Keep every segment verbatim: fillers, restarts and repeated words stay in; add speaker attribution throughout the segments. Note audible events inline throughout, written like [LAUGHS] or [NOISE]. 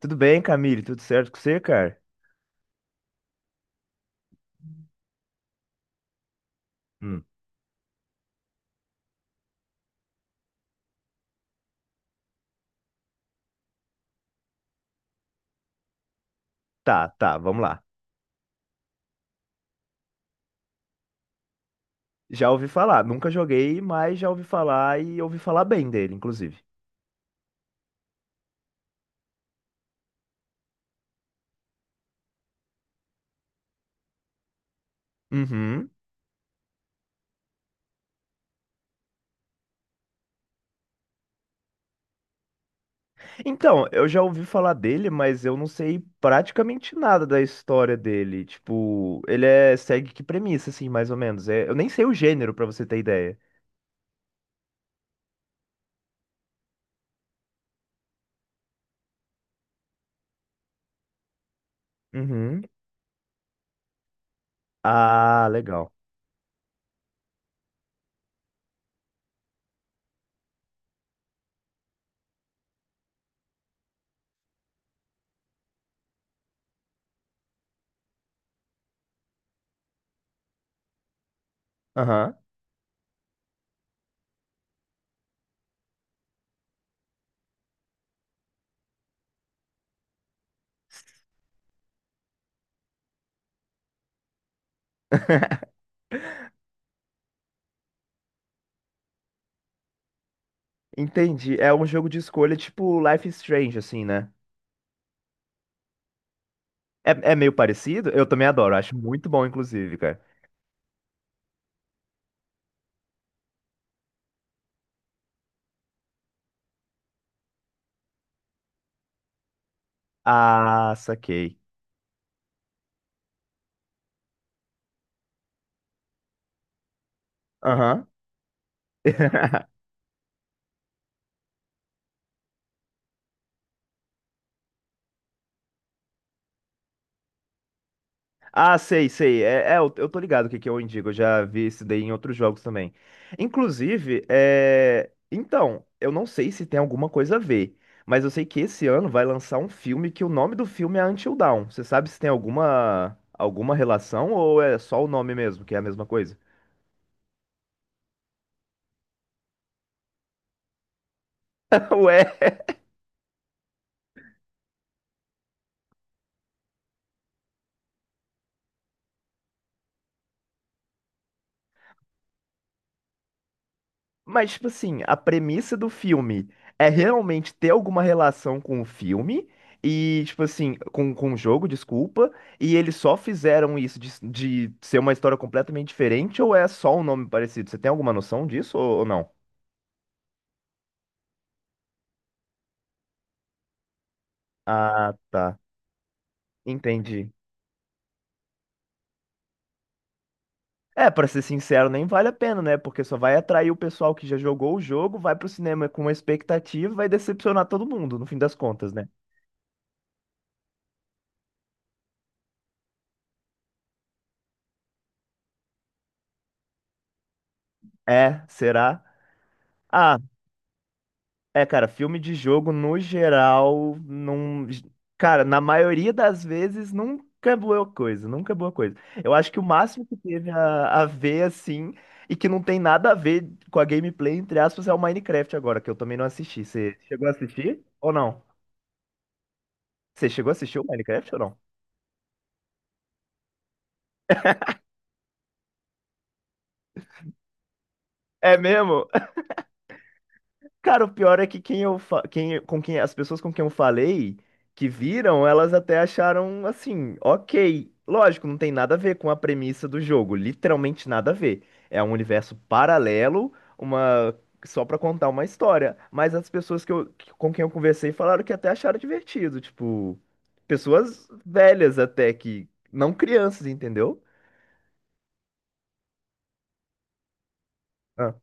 Speaker 1: Tudo bem, Camille? Tudo certo com você, cara? Hum. Tá, tá, vamos lá. Já ouvi falar, nunca joguei, mas já ouvi falar e ouvi falar bem dele, inclusive. Uhum. Então, eu já ouvi falar dele, mas eu não sei praticamente nada da história dele. Tipo, ele é segue que premissa, assim, mais ou menos. É, eu nem sei o gênero, pra você ter ideia. Uhum. Ah, legal. Aham. Entendi. É um jogo de escolha tipo Life is Strange, assim, né? É, é meio parecido? Eu também adoro, acho muito bom, inclusive, cara. Ah, saquei. Aham. [LAUGHS] Ah, sei, sei. É, é, eu eu tô ligado o que que é o Indigo. Eu já vi isso daí em outros jogos também. Inclusive, é... então, eu não sei se tem alguma coisa a ver, mas eu sei que esse ano vai lançar um filme que o nome do filme é Until Dawn. Você sabe se tem alguma alguma relação ou é só o nome mesmo, que é a mesma coisa? [LAUGHS] Ué. Mas, tipo assim, a premissa do filme é realmente ter alguma relação com o filme e, tipo assim, com, com o jogo, desculpa, e eles só fizeram isso de, de ser uma história completamente diferente ou é só um nome parecido? Você tem alguma noção disso ou, ou não? Ah, tá. Entendi. É, pra ser sincero, nem vale a pena, né? Porque só vai atrair o pessoal que já jogou o jogo, vai pro cinema com uma expectativa e vai decepcionar todo mundo, no fim das contas, né? É, será? Ah, é, cara, filme de jogo no geral, não. Cara, na maioria das vezes nunca é boa coisa, nunca é boa coisa. Eu acho que o máximo que teve a, a ver, assim, e que não tem nada a ver com a gameplay, entre aspas, é o Minecraft agora, que eu também não assisti. Você chegou a assistir ou não? Você chegou a assistir o Minecraft ou não? É mesmo? Cara, o pior é que quem eu fa- quem, com quem as pessoas com quem eu falei que viram, elas até acharam assim, ok. Lógico, não tem nada a ver com a premissa do jogo, literalmente nada a ver. É um universo paralelo, uma só pra contar uma história. Mas as pessoas que eu, que- com quem eu conversei falaram que até acharam divertido, tipo, pessoas velhas até que não crianças, entendeu? Ah.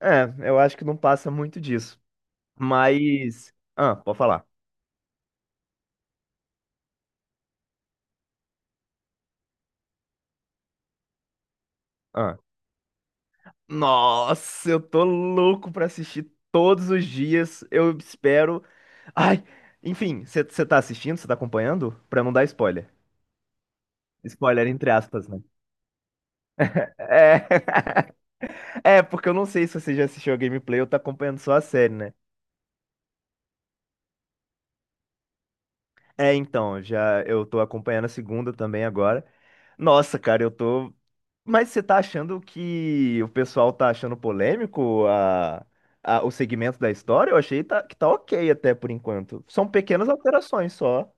Speaker 1: É, eu acho que não passa muito disso. Mas, ah, pode falar. Nossa, eu tô louco pra assistir todos os dias. Eu espero. Ai, enfim, você tá assistindo? Você tá acompanhando? Pra não dar spoiler. Spoiler entre aspas, né? É. [LAUGHS] É, porque eu não sei se você já assistiu a gameplay ou tá acompanhando só a série, né? É, então, já eu tô acompanhando a segunda também agora. Nossa, cara, eu tô. Mas você tá achando que o pessoal tá achando polêmico a, a- o segmento da história? Eu achei tá- que tá ok até por enquanto. São pequenas alterações só.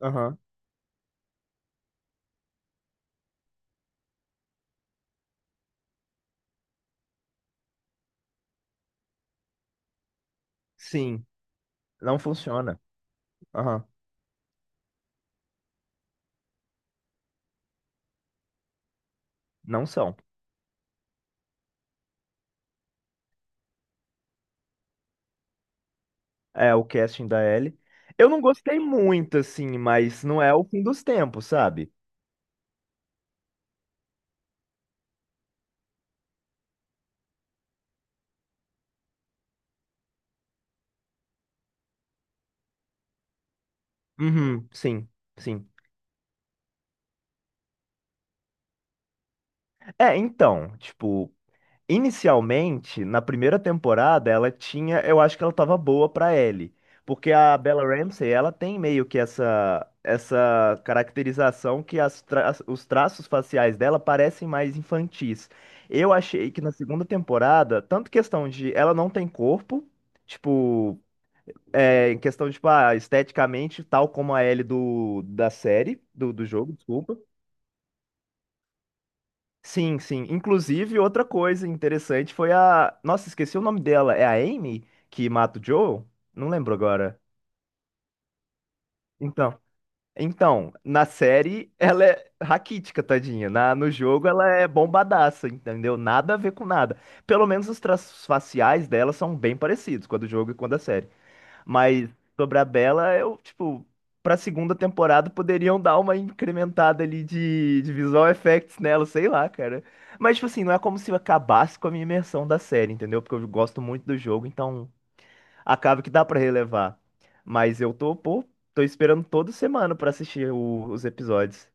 Speaker 1: Aham. Sim, não funciona. Aham. Não são. É o casting da Ellie. Eu não gostei muito, assim, mas não é o fim dos tempos, sabe? Uhum, sim, sim. É, então, tipo, inicialmente, na primeira temporada, ela tinha, eu acho que ela tava boa pra Ellie, porque a Bella Ramsey, ela tem meio que essa essa caracterização que as tra- os traços faciais dela parecem mais infantis. Eu achei que na segunda temporada, tanto questão de ela não tem corpo, tipo, é, em questão de, tipo, ah, esteticamente, tal como a Ellie do, da série, do, do jogo, desculpa. Sim, sim. Inclusive, outra coisa interessante foi a. Nossa, esqueci o nome dela. É a Amy que mata o Joe? Não lembro agora. Então, então, na série ela é raquítica, tadinha. Na, no jogo ela é bombadaça, entendeu? Nada a ver com nada. Pelo menos os traços faciais dela são bem parecidos, com a do jogo e com a da série. Mas sobre a Bella, eu, tipo, pra segunda temporada poderiam dar uma incrementada ali de, de visual effects nela, sei lá, cara. Mas, tipo assim, não é como se acabasse com a minha imersão da série, entendeu? Porque eu gosto muito do jogo, então acaba que dá pra relevar. Mas eu tô, pô, tô esperando toda semana pra assistir o- os episódios.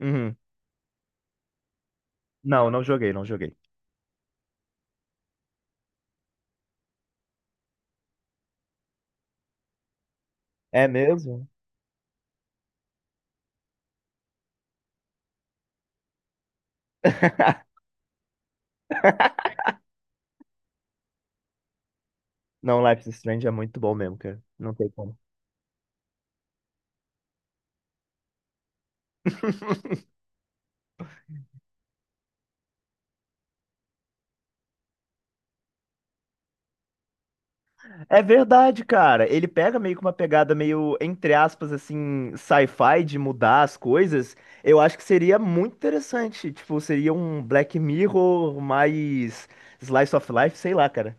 Speaker 1: Uhum. Não, não joguei, não joguei. É mesmo? Não, Life is Strange é muito bom mesmo, cara. Não tem como. [LAUGHS] É verdade, cara. Ele pega meio que uma pegada meio, entre aspas, assim, sci-fi de mudar as coisas. Eu acho que seria muito interessante. Tipo, seria um Black Mirror mais slice of life, sei lá, cara.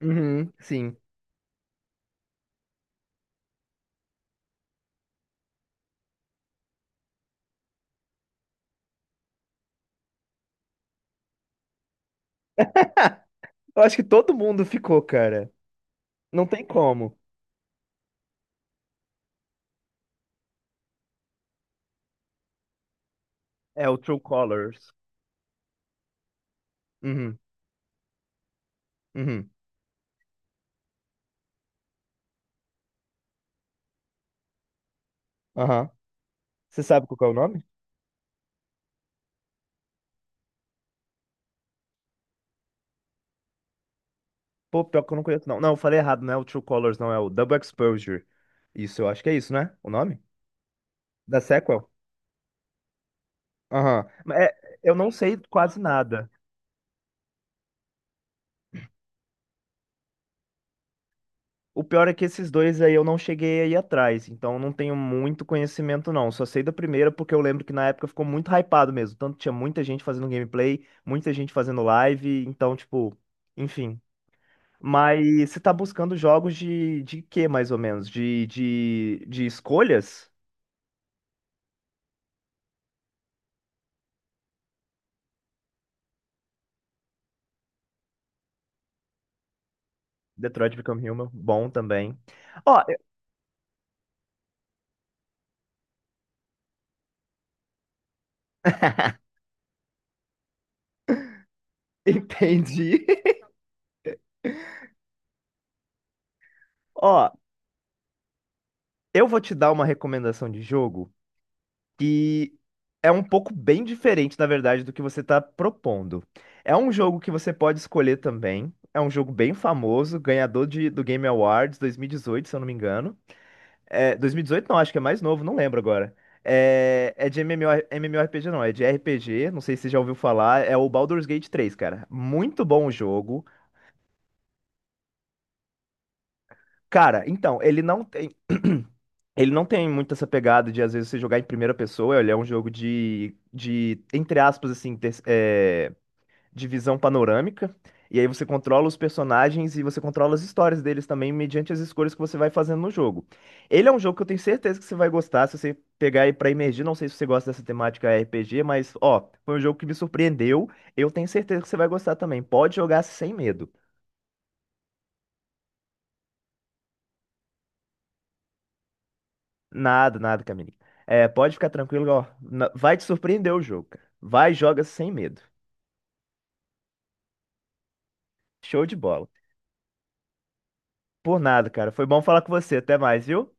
Speaker 1: Uhum, sim. Eu acho que todo mundo ficou, cara. Não tem como. É o True Colors. Uhum, uhum, aham. Você sabe qual que é o nome? Pô, pior que eu não conheço, não. Não, eu falei errado, não é o True Colors, não. É o Double Exposure. Isso, eu acho que é isso, né? O nome? Da sequel? Aham. Mas é- eu não sei quase nada. O pior é que esses dois aí eu não cheguei aí atrás, então eu não tenho muito conhecimento não. Só sei da primeira porque eu lembro que na época ficou muito hypado mesmo. Tanto tinha muita gente fazendo gameplay, muita gente fazendo live, então tipo, enfim. Mas você tá buscando jogos de, de quê mais ou menos? De, de, de escolhas? Detroit Become Human, bom também. Ó, [LAUGHS] entendi. Ó, eu vou te dar uma recomendação de jogo e é um pouco bem diferente, na verdade, do que você está propondo. É um jogo que você pode escolher também. É um jogo bem famoso, ganhador de, do Game Awards dois mil e dezoito, se eu não me engano. É, dois mil e dezoito não, acho que é mais novo, não lembro agora. É, é de M M O R, MMORPG não, é de R P G, não sei se você já ouviu falar, é o Baldur's Gate três, cara. Muito bom o jogo. Cara, então, ele não tem. [CLEARS THROAT] Ele não tem muito essa pegada de, às vezes, você jogar em primeira pessoa. Ele é um jogo de, de entre aspas, assim, ter- é, de visão panorâmica. E aí você controla os personagens e você controla as histórias deles também, mediante as escolhas que você vai fazendo no jogo. Ele é um jogo que eu tenho certeza que você vai gostar, se você pegar e pra imergir. Não sei se você gosta dessa temática R P G, mas, ó, foi um jogo que me surpreendeu. Eu tenho certeza que você vai gostar também. Pode jogar sem medo. Nada, nada, Camininho. É, pode ficar tranquilo, ó. Na- vai te surpreender o jogo, cara. Vai, joga sem medo. Show de bola. Por nada, cara. Foi bom falar com você. Até mais, viu?